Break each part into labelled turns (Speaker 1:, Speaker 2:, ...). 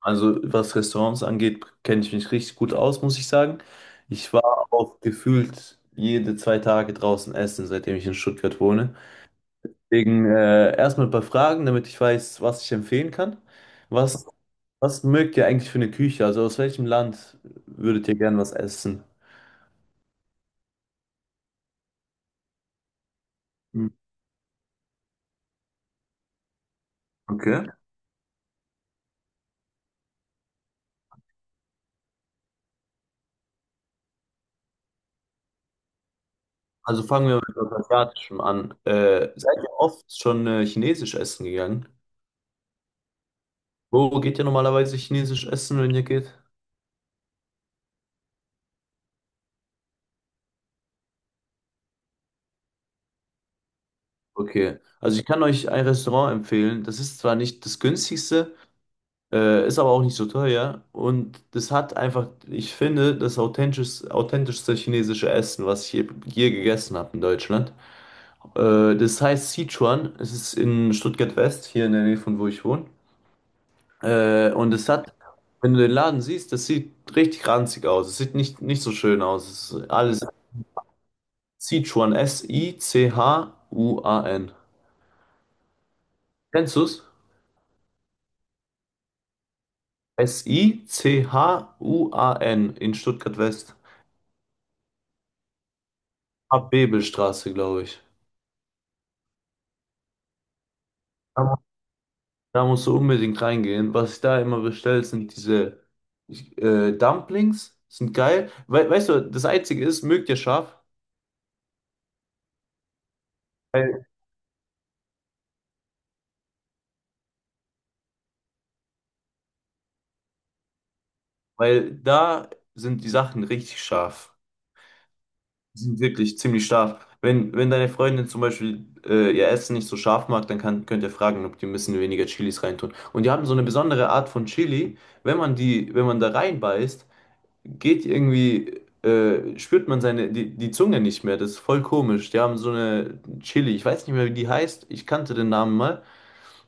Speaker 1: Also was Restaurants angeht, kenne ich mich richtig gut aus, muss ich sagen. Ich war auch gefühlt jede 2 Tage draußen essen, seitdem ich in Stuttgart wohne. Deswegen erstmal ein paar Fragen, damit ich weiß, was ich empfehlen kann. Was, was mögt ihr eigentlich für eine Küche? Also aus welchem Land würdet ihr gern was essen? Hm. Okay. Also fangen wir mit was Asiatischem an. Seid ihr oft schon chinesisch essen gegangen? Wo geht ihr normalerweise chinesisch essen, wenn ihr geht? Okay, also ich kann euch ein Restaurant empfehlen. Das ist zwar nicht das günstigste, ist aber auch nicht so teuer, und das hat einfach, ich finde, das authentischste chinesische Essen, was ich hier gegessen habe in Deutschland. Das heißt Sichuan. Es ist in Stuttgart West, hier in der Nähe von wo ich wohne. Und es wenn du den Laden siehst, das sieht richtig ranzig aus. Es sieht nicht so schön aus. Es ist alles Sichuan, Sichuan. Kennst du's? Sichuan in Stuttgart-West. Abbebelstraße, glaube ich. Da, mu- Da musst du unbedingt reingehen. Was ich da immer bestelle, sind diese Dumplings. Sind geil. We Weißt du, das Einzige ist: Mögt ihr scharf? Weil, weil da sind die Sachen richtig scharf. Die sind wirklich ziemlich scharf. Wenn deine Freundin zum Beispiel ihr Essen nicht so scharf mag, dann könnt ihr fragen, ob die ein bisschen weniger Chilis reintun. Und die haben so eine besondere Art von Chili. Wenn man da reinbeißt, spürt man die Zunge nicht mehr. Das ist voll komisch. Die haben so eine Chili, ich weiß nicht mehr, wie die heißt. Ich kannte den Namen mal,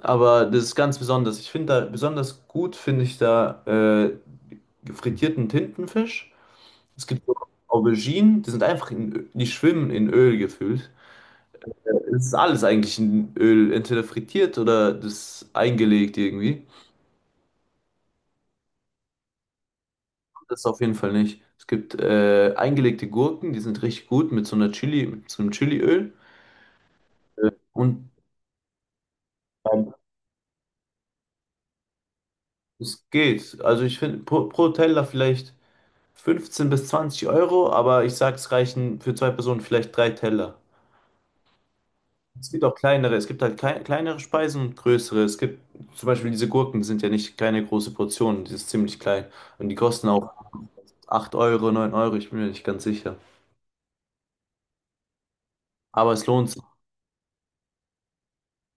Speaker 1: aber das ist ganz besonders. Ich finde da besonders gut, finde ich da frittierten Tintenfisch. Es gibt so Auberginen, die sind einfach die schwimmen in Öl gefüllt. Äh, Es ist alles eigentlich in Öl, entweder frittiert oder das eingelegt irgendwie. Das auf jeden Fall nicht. Es gibt eingelegte Gurken, die sind richtig gut mit so einer Chili, mit so einem Chiliöl. Und ähm, es geht. Also ich finde pro Teller vielleicht 15 bis 20 Euro, aber ich sag, es reichen für zwei Personen vielleicht drei Teller. Es gibt auch kleinere, es gibt halt kleinere Speisen und größere. Es gibt zum Beispiel diese Gurken, die sind ja nicht keine große Portion, die ist ziemlich klein. Und die kosten auch 8 Euro, 9 Euro, ich bin mir nicht ganz sicher. Aber es lohnt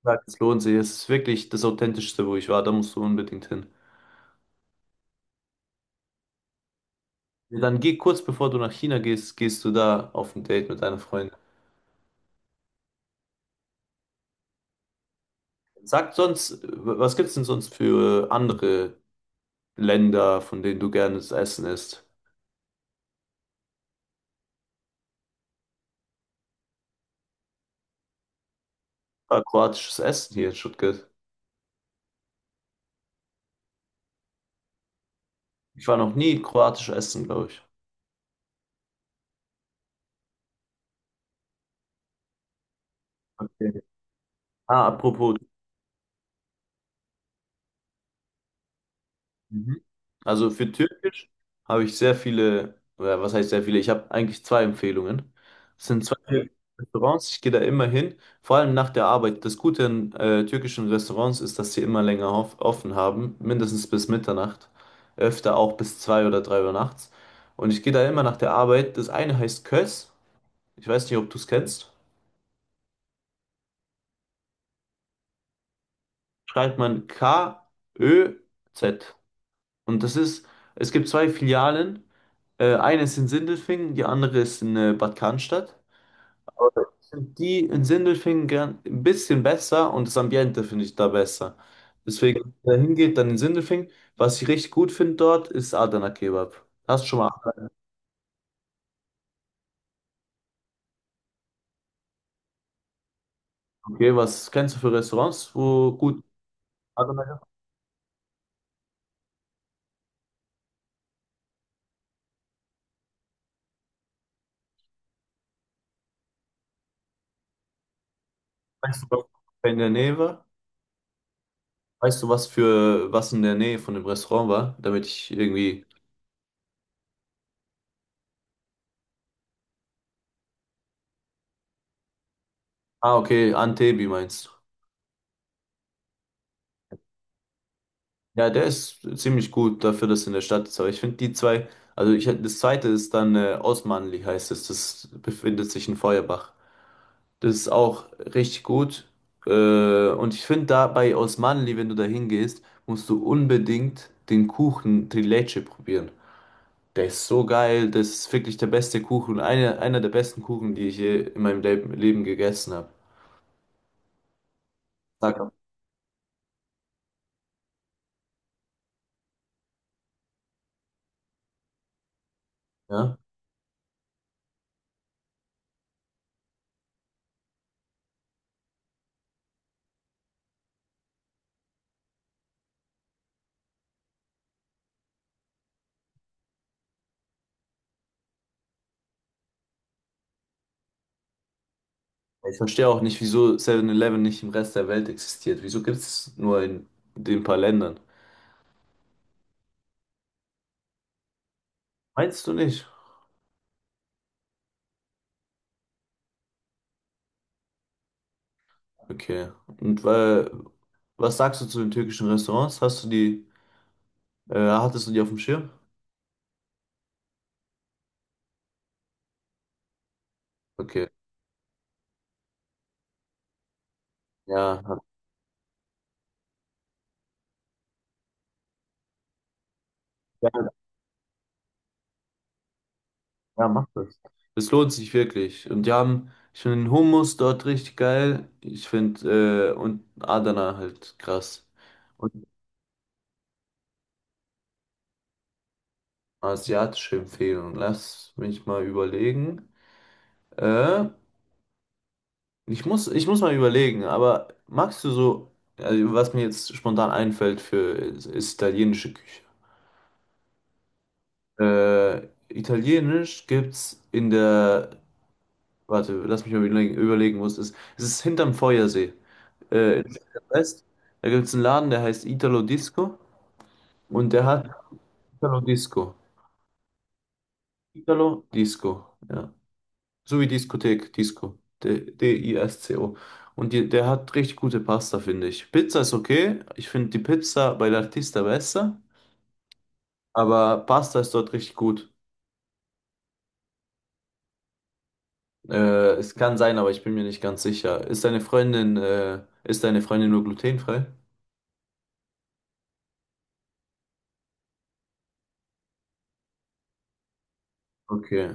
Speaker 1: Es lohnt sich. Es ist wirklich das Authentischste, wo ich war. Da musst du unbedingt hin. Ja. Dann geh kurz bevor du nach China gehst, gehst du da auf ein Date mit deiner Freundin. Sag sonst, was gibt's denn sonst für andere Länder, von denen du gerne das Essen isst? Ah, kroatisches Essen hier in Stuttgart. Ich war noch nie kroatisch essen, glaube ich. Okay. Ah, apropos. Mhm. Also für Türkisch habe ich sehr viele, oder was heißt sehr viele? Ich habe eigentlich zwei Empfehlungen. Es sind zwei türkische Restaurants, ich gehe da immer hin, vor allem nach der Arbeit. Das Gute an türkischen Restaurants ist, dass sie immer länger offen haben, mindestens bis Mitternacht, öfter auch bis 2 oder 3 Uhr nachts. Und ich gehe da immer nach der Arbeit. Das eine heißt Köz, ich weiß nicht, ob du es kennst. Schreibt man Köz. Und das ist, es gibt zwei Filialen. Eine ist in Sindelfingen, die andere ist in Bad Cannstatt. Aber sind die in Sindelfingen gern, ein bisschen besser, und das Ambiente finde ich da besser. Deswegen, wenn man da hingeht, dann in Sindelfingen. Was ich richtig gut finde dort, ist Adana Kebab. Hast du schon mal Adana Kebab? Okay, was kennst du für Restaurants, wo gut Adana Kebab? Weißt du, was in der Nähe war? Weißt du, was für was in der Nähe von dem Restaurant war? Damit ich irgendwie. Ah, okay, Antebi meinst. Ja, der ist ziemlich gut dafür, dass er in der Stadt ist. Aber ich finde die zwei, also ich, das zweite ist dann Osmanli heißt es. Das befindet sich in Feuerbach. Das ist auch richtig gut. Und ich finde da bei Osmanli, wenn du da hingehst, musst du unbedingt den Kuchen Trileçe probieren. Der ist so geil. Das ist wirklich der beste Kuchen. Einer der besten Kuchen, die ich je in meinem Leben gegessen habe. Sag ab. Ja. Ich verstehe auch nicht, wieso Seven eleven nicht im Rest der Welt existiert. Wieso gibt es nur in den paar Ländern? Meinst du nicht? Okay. Und was sagst du zu den türkischen Restaurants? Hast du die, hattest du die auf dem Schirm? Okay. Ja, ja, ja, mach das. Es lohnt sich wirklich. Ich finde den Hummus dort richtig geil. Und Adana halt krass. Und asiatische Empfehlung. Lass mich mal überlegen. Äh, Ich muss mal überlegen, aber magst du so, also was mir jetzt spontan einfällt für, ist italienische Küche. Italienisch gibt's in der, warte, lass mich mal überlegen, wo es ist. Es ist hinterm Feuersee, in West. Da gibt's einen Laden, der heißt Italo Disco und der hat Italo Disco. Italo Disco, ja. So wie Diskothek, Disco. Disco. Der hat richtig gute Pasta, finde ich. Pizza ist okay. Ich finde die Pizza bei L'Artista besser. Aber Pasta ist dort richtig gut. Äh, es kann sein, aber ich bin mir nicht ganz sicher. Ist deine Freundin nur glutenfrei? Okay.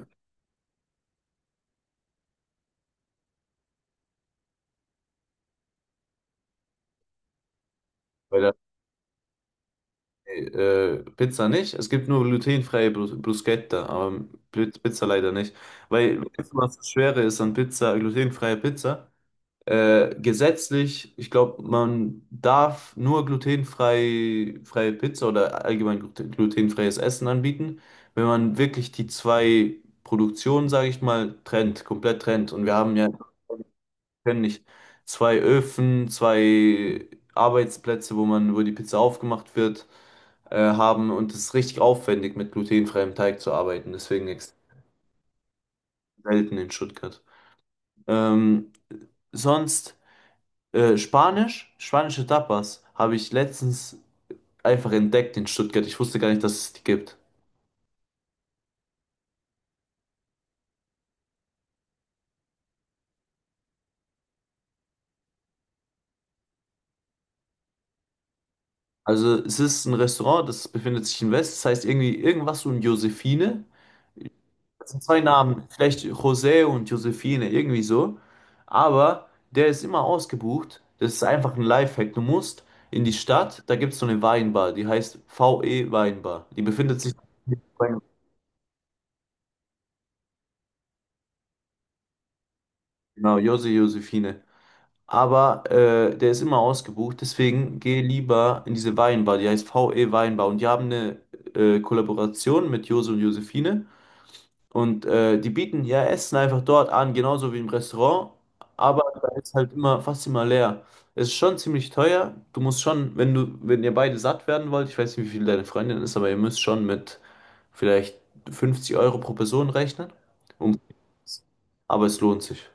Speaker 1: Bei der Pizza nicht. Es gibt nur glutenfreie Bruschetta, aber Pizza leider nicht. Weil, weißt du, was das Schwere ist an Pizza, glutenfreie Pizza? Gesetzlich, ich glaube, man darf nur freie Pizza oder allgemein glutenfreies Essen anbieten, wenn man wirklich die zwei Produktionen, sage ich mal, trennt, komplett trennt. Und wir haben ja, wir können nicht zwei Öfen, zwei Arbeitsplätze, wo die Pizza aufgemacht wird, haben. Und es ist richtig aufwendig, mit glutenfreiem Teig zu arbeiten. Deswegen extrem selten in Stuttgart. Ähm, Sonst. Spanisch, spanische Tapas habe ich letztens einfach entdeckt in Stuttgart. Ich wusste gar nicht, dass es die gibt. Also es ist ein Restaurant, das befindet sich in West, das heißt irgendwie irgendwas und Josephine. Das sind zwei Namen, vielleicht José und Josephine, irgendwie so. Aber der ist immer ausgebucht. Das ist einfach ein Lifehack. Du musst in die Stadt, da gibt es so eine Weinbar, die heißt VE Weinbar. Die befindet sich. Genau, Jose Josephine. Aber der ist immer ausgebucht, deswegen geh lieber in diese Weinbar, die heißt VE Weinbar. Und die haben eine Kollaboration mit Jose und Josephine. Die bieten ja Essen einfach dort an, genauso wie im Restaurant. Aber da ist halt immer fast immer leer. Es ist schon ziemlich teuer. Du musst schon, wenn ihr beide satt werden wollt, ich weiß nicht, wie viel deine Freundin ist, aber ihr müsst schon mit vielleicht 50 € pro Person rechnen. Um, aber es lohnt sich.